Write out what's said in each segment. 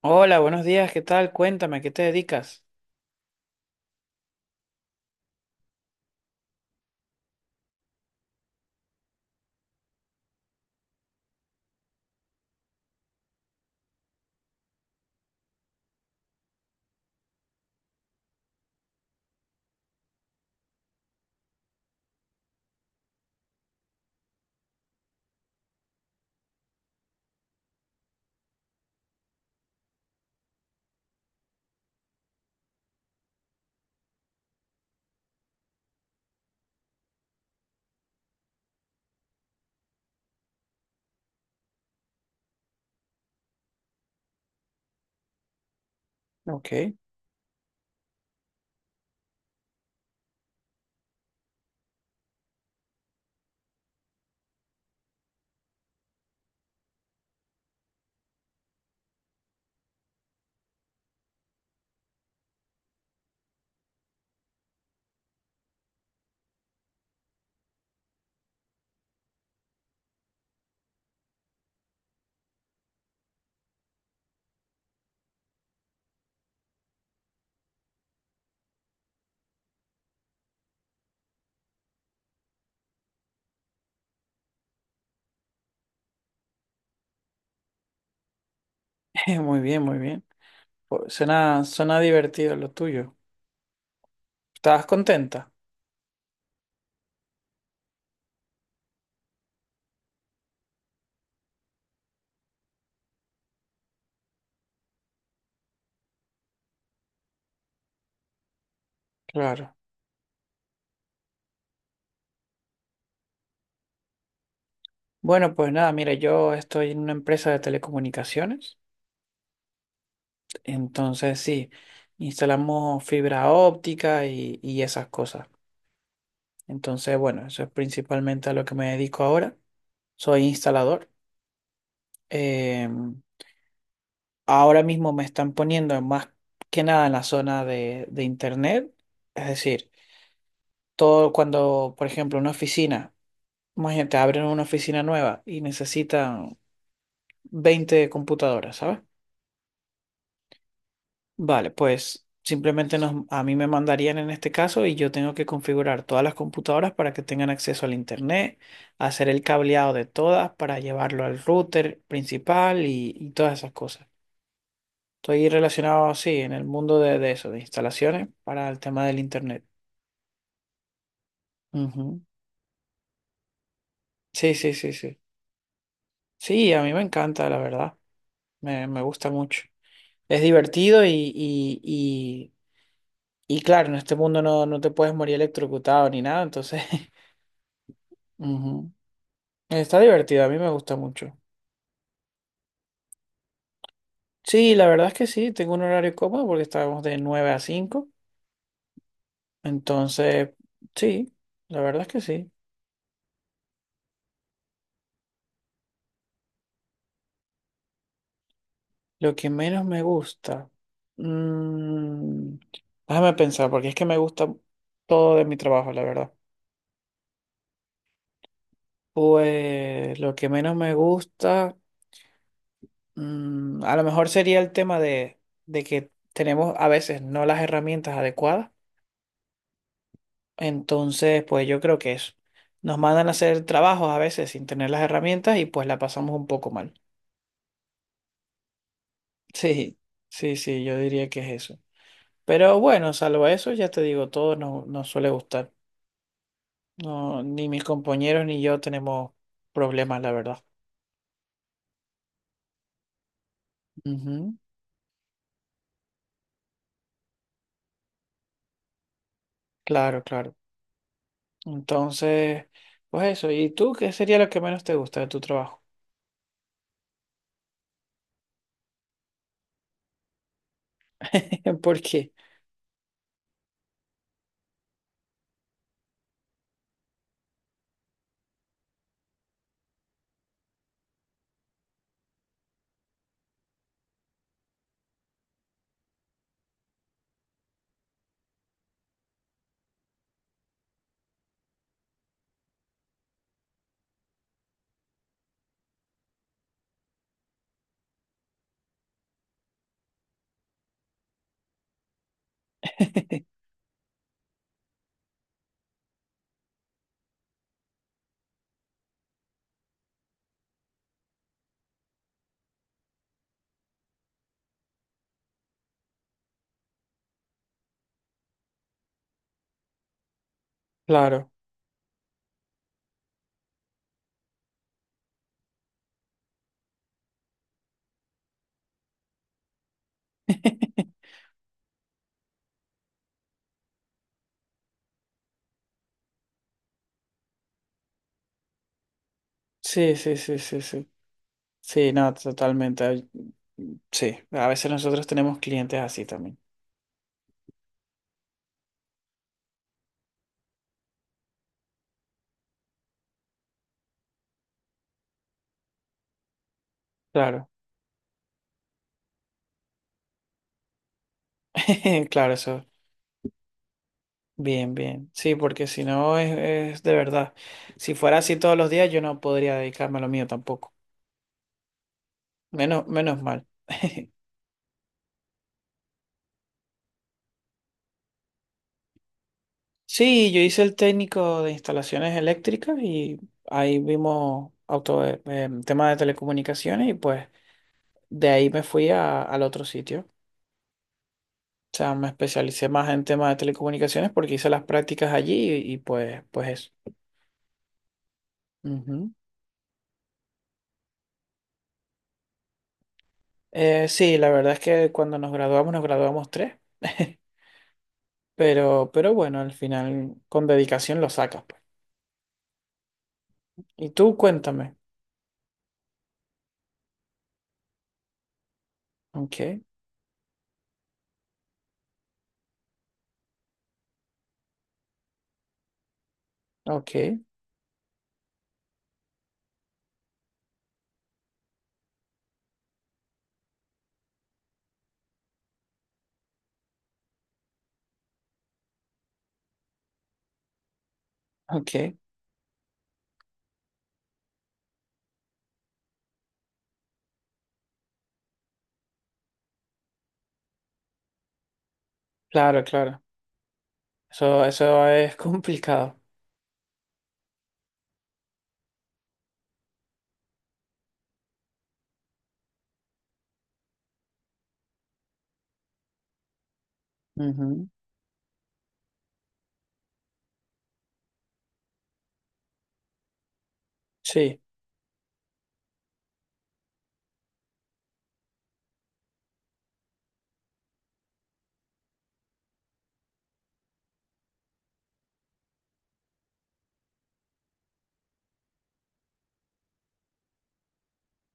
Hola, buenos días, ¿qué tal? Cuéntame, ¿a qué te dedicas? Ok. Muy bien, muy bien. Suena divertido lo tuyo. ¿Estabas contenta? Claro. Bueno, pues nada, mira, yo estoy en una empresa de telecomunicaciones, entonces sí, instalamos fibra óptica y esas cosas. Entonces, bueno, eso es principalmente a lo que me dedico ahora. Soy instalador. Eh, Ahora mismo me están poniendo más que nada en la zona de internet, es decir, todo cuando, por ejemplo, una oficina, imagínate, abren una oficina nueva y necesitan 20 computadoras, ¿sabes? Vale, pues simplemente nos, a mí me mandarían en este caso y yo tengo que configurar todas las computadoras para que tengan acceso al internet, hacer el cableado de todas para llevarlo al router principal y todas esas cosas. Estoy relacionado así en el mundo de eso, de instalaciones para el tema del internet. Ujú. Sí, sí, sí, sí. Sí, a mí me encanta, la verdad. Me gusta mucho. Es divertido y, y, y claro, en este mundo no, no te puedes morir electrocutado ni nada, entonces ujú. Está divertido, a mí me gusta mucho. Sí, la verdad es que sí, tengo un horario cómodo porque estábamos de 9 a 5, entonces sí, la verdad es que sí. Lo que menos me gusta, mm, déjame pensar, porque es que me gusta todo de mi trabajo, la verdad. Pues lo que menos me gusta... Mm, a lo mejor sería el tema de que tenemos a veces no las herramientas adecuadas. Entonces, pues yo creo que es, nos mandan a hacer trabajos a veces sin tener las herramientas y pues la pasamos un poco mal. Sí, sí, sí, yo diría que es eso. Pero bueno, salvo eso, ya te digo, todo nos, nos suele gustar. No, ni mis compañeros ni yo tenemos problemas, la verdad. Ujú. Claro, claro. Entonces, pues eso. ¿Y tú qué sería lo que menos te gusta de tu trabajo? ¿Por qué? Claro. Sí, sí, sí, sí, sí. Sí, no, totalmente. Ay, sí, a veces nosotros tenemos clientes así también. Claro, claro, eso. Bien, bien. Sí, porque si no es, es de verdad. Si fuera así todos los días, yo no podría dedicarme a lo mío tampoco. Menos, menos mal. Sí, yo hice el técnico de instalaciones eléctricas y ahí vimos tema de telecomunicaciones y pues de ahí me fui al otro sitio. O sea, me especialicé más en temas de telecomunicaciones porque hice las prácticas allí y pues, pues eso. Ujú. Sí, la verdad es que cuando nos graduamos tres. Pero bueno, al final con dedicación lo sacas, pues. Y tú cuéntame. Ok, ok, ok. Claro, claro. Eso es complicado. Ujú. Sí.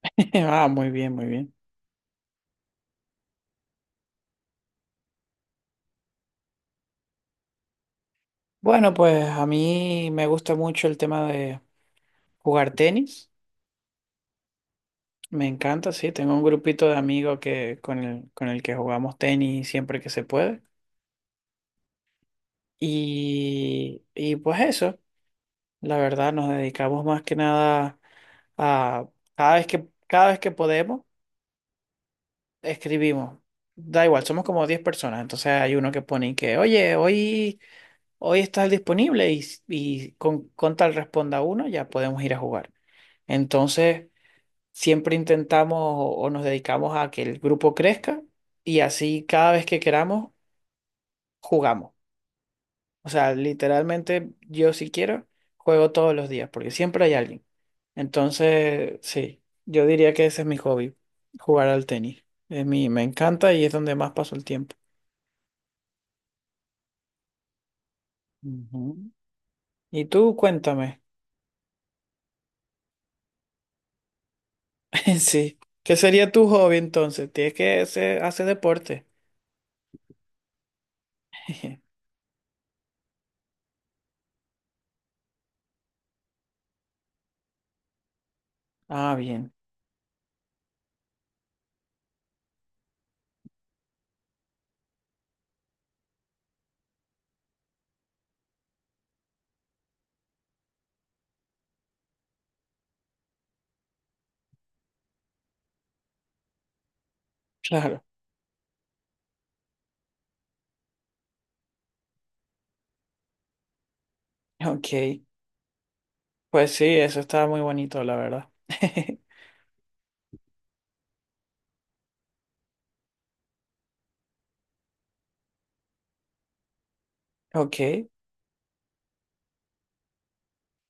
Ah, muy bien, muy bien. Bueno, pues a mí me gusta mucho el tema de jugar tenis. Me encanta, sí. Tengo un grupito de amigos que, con el que jugamos tenis siempre que se puede. Y pues eso, la verdad, nos dedicamos más que nada a cada vez que podemos, escribimos. Da igual, somos como 10 personas. Entonces hay uno que pone y que, oye, hoy estás disponible y con tal responda uno, ya podemos ir a jugar. Entonces, siempre intentamos o nos dedicamos a que el grupo crezca y así cada vez que queramos, jugamos. O sea, literalmente yo si quiero, juego todos los días porque siempre hay alguien. Entonces, sí, yo diría que ese es mi hobby, jugar al tenis. Es mi, me encanta y es donde más paso el tiempo. Ujú. Y tú, cuéntame, sí, ¿qué sería tu hobby entonces? Tienes que hacer, hacer deporte. Ah, bien, claro, ok. Pues sí, eso estaba muy bonito, la verdad. Ok.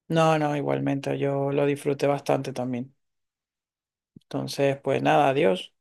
No, no, igualmente, yo lo disfruté bastante también. Entonces, pues nada, adiós.